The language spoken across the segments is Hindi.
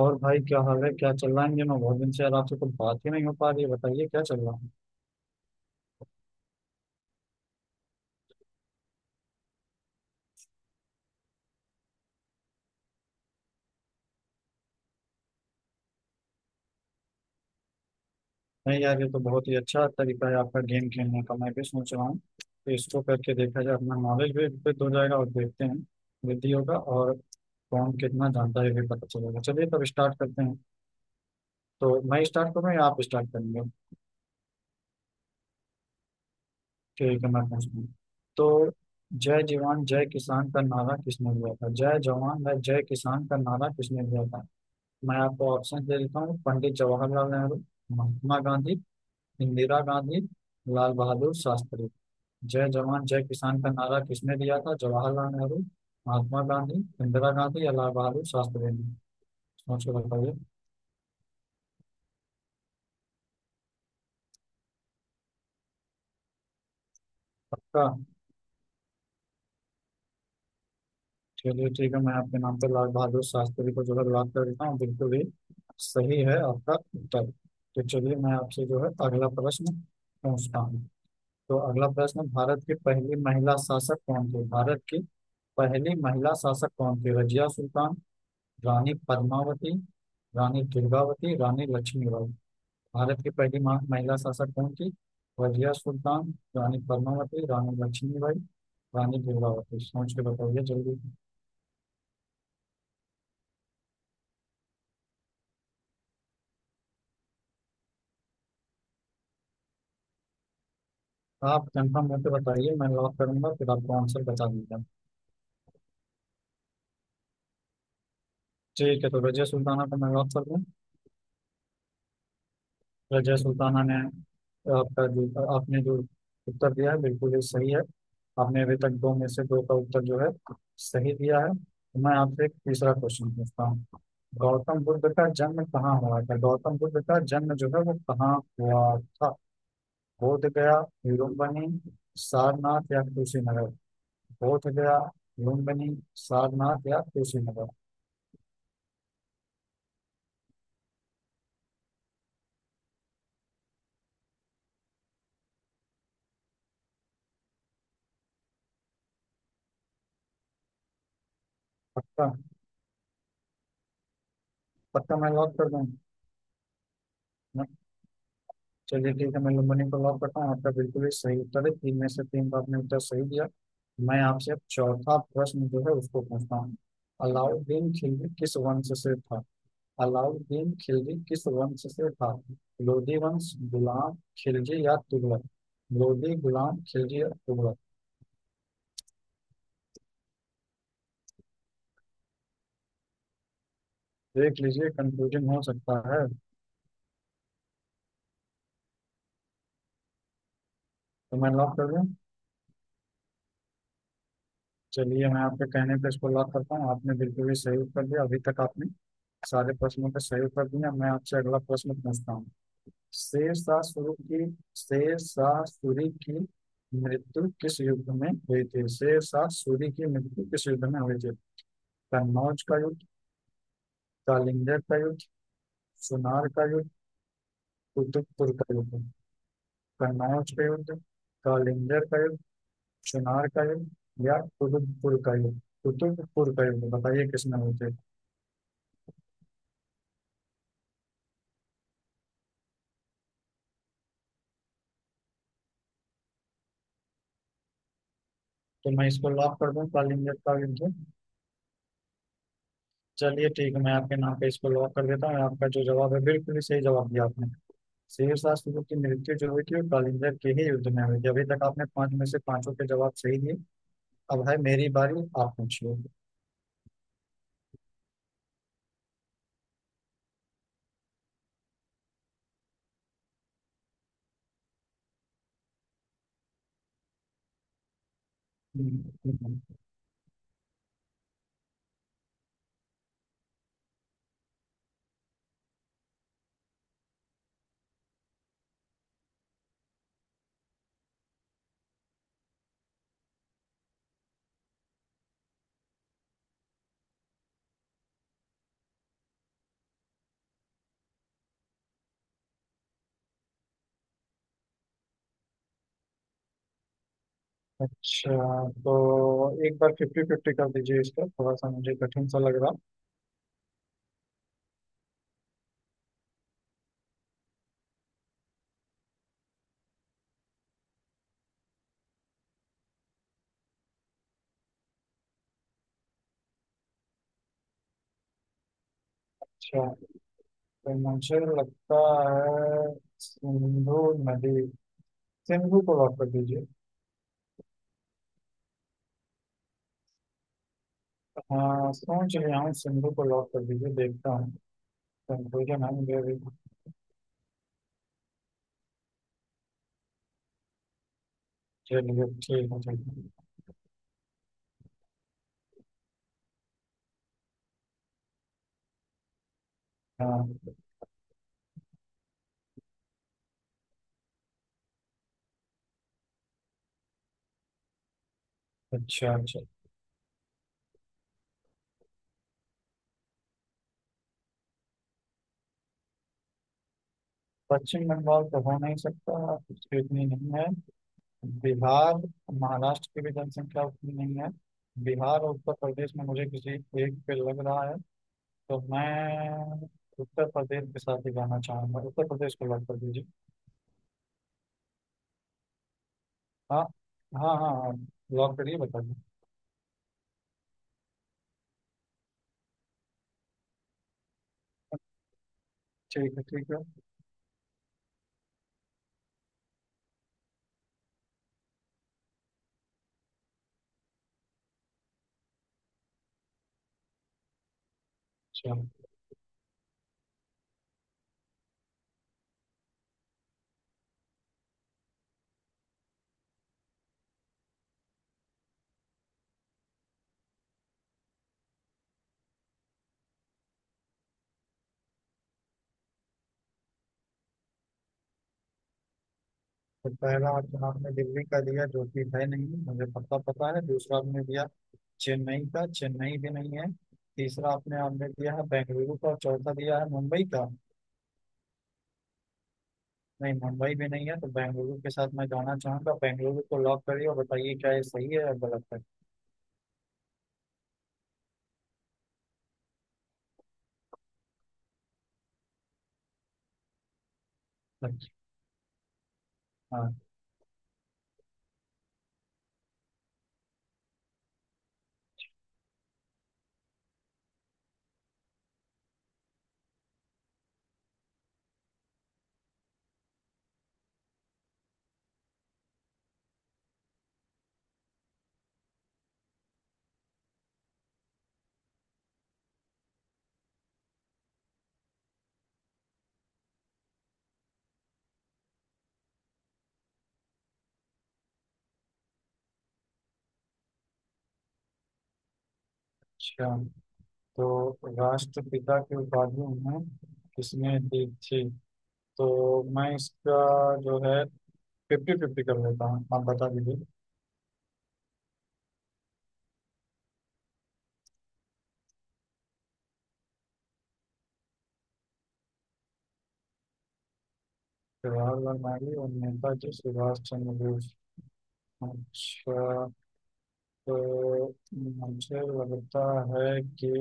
और भाई क्या हाल है, क्या चल रहा है इन दिनों? बहुत दिन से यार आपसे कुछ बात ही नहीं हो पा रही है। बताइए क्या चल रहा है। नहीं यार, ये तो बहुत ही अच्छा तरीका है आपका गेम खेलने का। मैं भी सोच रहा हूँ कि इसको करके देखा जाए, अपना नॉलेज भी वृद्ध हो जाएगा और देखते हैं वृद्धि होगा। और कौन कितना जानता है ये भी पता चलेगा। चलिए तब स्टार्ट करते हैं। तो मैं स्टार्ट करूँ या आप स्टार्ट करेंगे? ठीक है, मैं पूछता हूँ। तो जय जवान जय किसान का नारा किसने दिया था? जय जवान या जय किसान का नारा किसने दिया था? मैं आपको ऑप्शन दे देता हूँ। पंडित जवाहरलाल नेहरू, महात्मा गांधी, इंदिरा गांधी, लाल बहादुर शास्त्री। जय जवान जय किसान का नारा किसने दिया था? जवाहरलाल नेहरू, महात्मा गांधी, इंदिरा गांधी या लाल बहादुर शास्त्री ने? सोच के बताइए। पक्का? चलिए ठीक है, मैं आपके नाम पर लाल बहादुर शास्त्री को जो है लॉक कर देता हूँ। बिल्कुल ही सही है आपका उत्तर। तो चलिए मैं आपसे जो है अगला प्रश्न पूछता हूँ। तो अगला प्रश्न, भारत की पहली महिला शासक कौन थी? भारत की पहली महिला शासक कौन थी? रजिया सुल्तान, रानी पद्मावती, रानी दुर्गावती, रानी लक्ष्मीबाई। भारत की महिला शासक कौन थी? रजिया सुल्तान, रानी पद्मावती, रानी लक्ष्मीबाई, रानी दुर्गावती। सोच के बताइए जल्दी। आप कंफर्म होकर बताइए, मैं लॉक करूंगा फिर आपको आंसर बता दूंगा। ठीक है, तो रजिया सुल्ताना को मैं लॉक कर दूं? रजिया सुल्ताना ने। आपका जो, आपने जो उत्तर दिया है बिल्कुल ही सही है। आपने अभी तक दो में से दो का उत्तर जो है सही दिया है। तो मैं आपसे एक तीसरा क्वेश्चन पूछता हूँ। गौतम बुद्ध का जन्म कहाँ हुआ था? गौतम बुद्ध का जन्म जो है वो कहाँ हुआ था? बोध गया, लुम्बिनी, सारनाथ या कुशीनगर? बोध गया, लुम्बिनी, सारनाथ या कुशीनगर? पक्का? पक्का मैं लॉक कर दूँ? चलिए ठीक है, मैं लुम्बिनी को लॉक करता हूँ। आपका बिल्कुल ही सही उत्तर है। तीन में से तीन का आपने उत्तर सही दिया। मैं आपसे अब चौथा प्रश्न जो है उसको पूछता हूँ। अलाउद्दीन खिलजी किस वंश से था? अलाउद्दीन खिलजी किस वंश से था? लोधी वंश, गुलाम, खिलजी या तुगलक? लोधी, गुलाम, खिलजी या तुगलक? देख लीजिए, कंफ्यूजन हो सकता है। तो मैं लॉक कर दूं? चलिए, मैं आपके कहने पे इसको लॉक करता हूँ। आपने बिल्कुल ही सही उत्तर दिया। अभी तक आपने सारे प्रश्नों का सही उत्तर दिया। मैं आपसे अगला प्रश्न पूछता हूँ। शेषासुर की, शेषासुरी की मृत्यु किस युद्ध में हुई थी? शेषासुरी की मृत्यु किस युद्ध में हुई थी? कन्नौज का युद्ध, कालिंगर का युद्ध, सुनार का युद्ध, कुतुबपुर का युद्ध। कन्नौज का युद्ध, कालिंगर का युद्ध, सुनार का युद्ध या कुतुबपुर का युद्ध? कुतुबपुर का युद्ध, बताइए किसमें हुए थे। तो मैं इसको लॉक कर दूं, कालिंगर का युद्ध? चलिए ठीक है, मैं आपके नाम पे इसको लॉक कर देता हूँ। आपका जो जवाब है बिल्कुल ही सही जवाब दिया आपने। शेष राष्ट्र युद्ध की मृत्यु जो हुई थी वो कलिंगर के ही युद्ध में हुई थी। अभी तक आपने पांच में से पांचों के जवाब सही दिए। अब है मेरी बारी, आप पूछिए। हम्म, अच्छा, तो एक बार फिफ्टी फिफ्टी कर दीजिए इसका, थोड़ा सा मुझे कठिन सा लग रहा। अच्छा, तो मुझे लगता है सिंधु नदी, सिंधु को लॉक कर दीजिए। हाँ, सोच रहा हूँ, सिंधु को लॉक कर दीजिए, देखता हूँ। कंफ्यूजन है मुझे अभी। चलिए ठीक है, ठीक है। हाँ, अच्छा अच्छा। पश्चिम बंगाल तो हो नहीं सकता, उसकी उतनी नहीं है। बिहार, महाराष्ट्र की भी जनसंख्या उतनी नहीं है। बिहार और उत्तर प्रदेश में मुझे किसी एक पे लग रहा है। तो मैं उत्तर प्रदेश के साथ ही जाना चाहूंगा, उत्तर प्रदेश को लॉक कर दीजिए। हाँ। हाँ हाँ हाँ, लॉक करिए, बताइए। ठीक है, ठीक है। चलो, तो पहला ऑप्शन आपने दिल्ली का दिया जो कि है नहीं, मुझे पता पता है। दूसरा आपने दिया चेन्नई का, चेन्नई भी नहीं है। तीसरा आपने आपने दिया है बेंगलुरु का, और चौथा दिया है मुंबई का। नहीं, मुंबई भी नहीं है। तो बेंगलुरु के साथ मैं जाना चाहूंगा, बेंगलुरु को लॉक करिए और बताइए क्या ये सही है या गलत है। अच्छा, तो राष्ट्रपिता की उपाधि में किसने दी थी? तो मैं इसका जो है फिफ्टी फिफ्टी कर लेता हूँ, आप बता दीजिए। जवाहरलाल नेहरू और नेताजी सुभाष चंद्र बोस। अच्छा, तो मुझे लगता है कि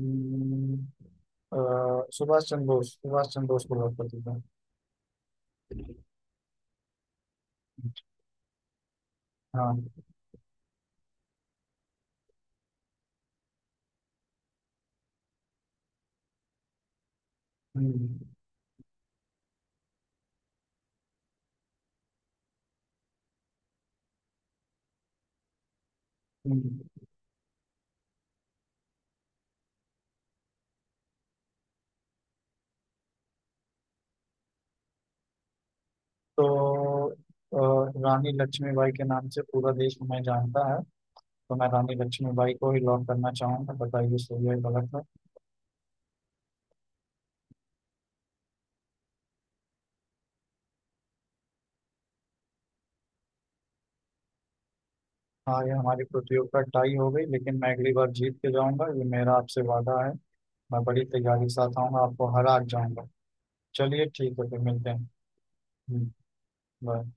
हम्म, अ, सुभाष चंद्र बोस को लॉक कर देता हूँ। हाँ। हम्म, हम्म। तो अ, रानी लक्ष्मीबाई के नाम से पूरा देश मैं जानता है। तो मैं रानी लक्ष्मीबाई को ही लॉक करना चाहूंगा, बताइए सही है गलत है। हाँ, ये हमारी प्रतियोगिता टाई हो गई, लेकिन मैं अगली बार जीत के जाऊंगा, ये मेरा आपसे वादा है। मैं बड़ी तैयारी के साथ आऊंगा, आपको हरा के जाऊंगा। चलिए ठीक है, फिर मिलते हैं। हम्म। बाय।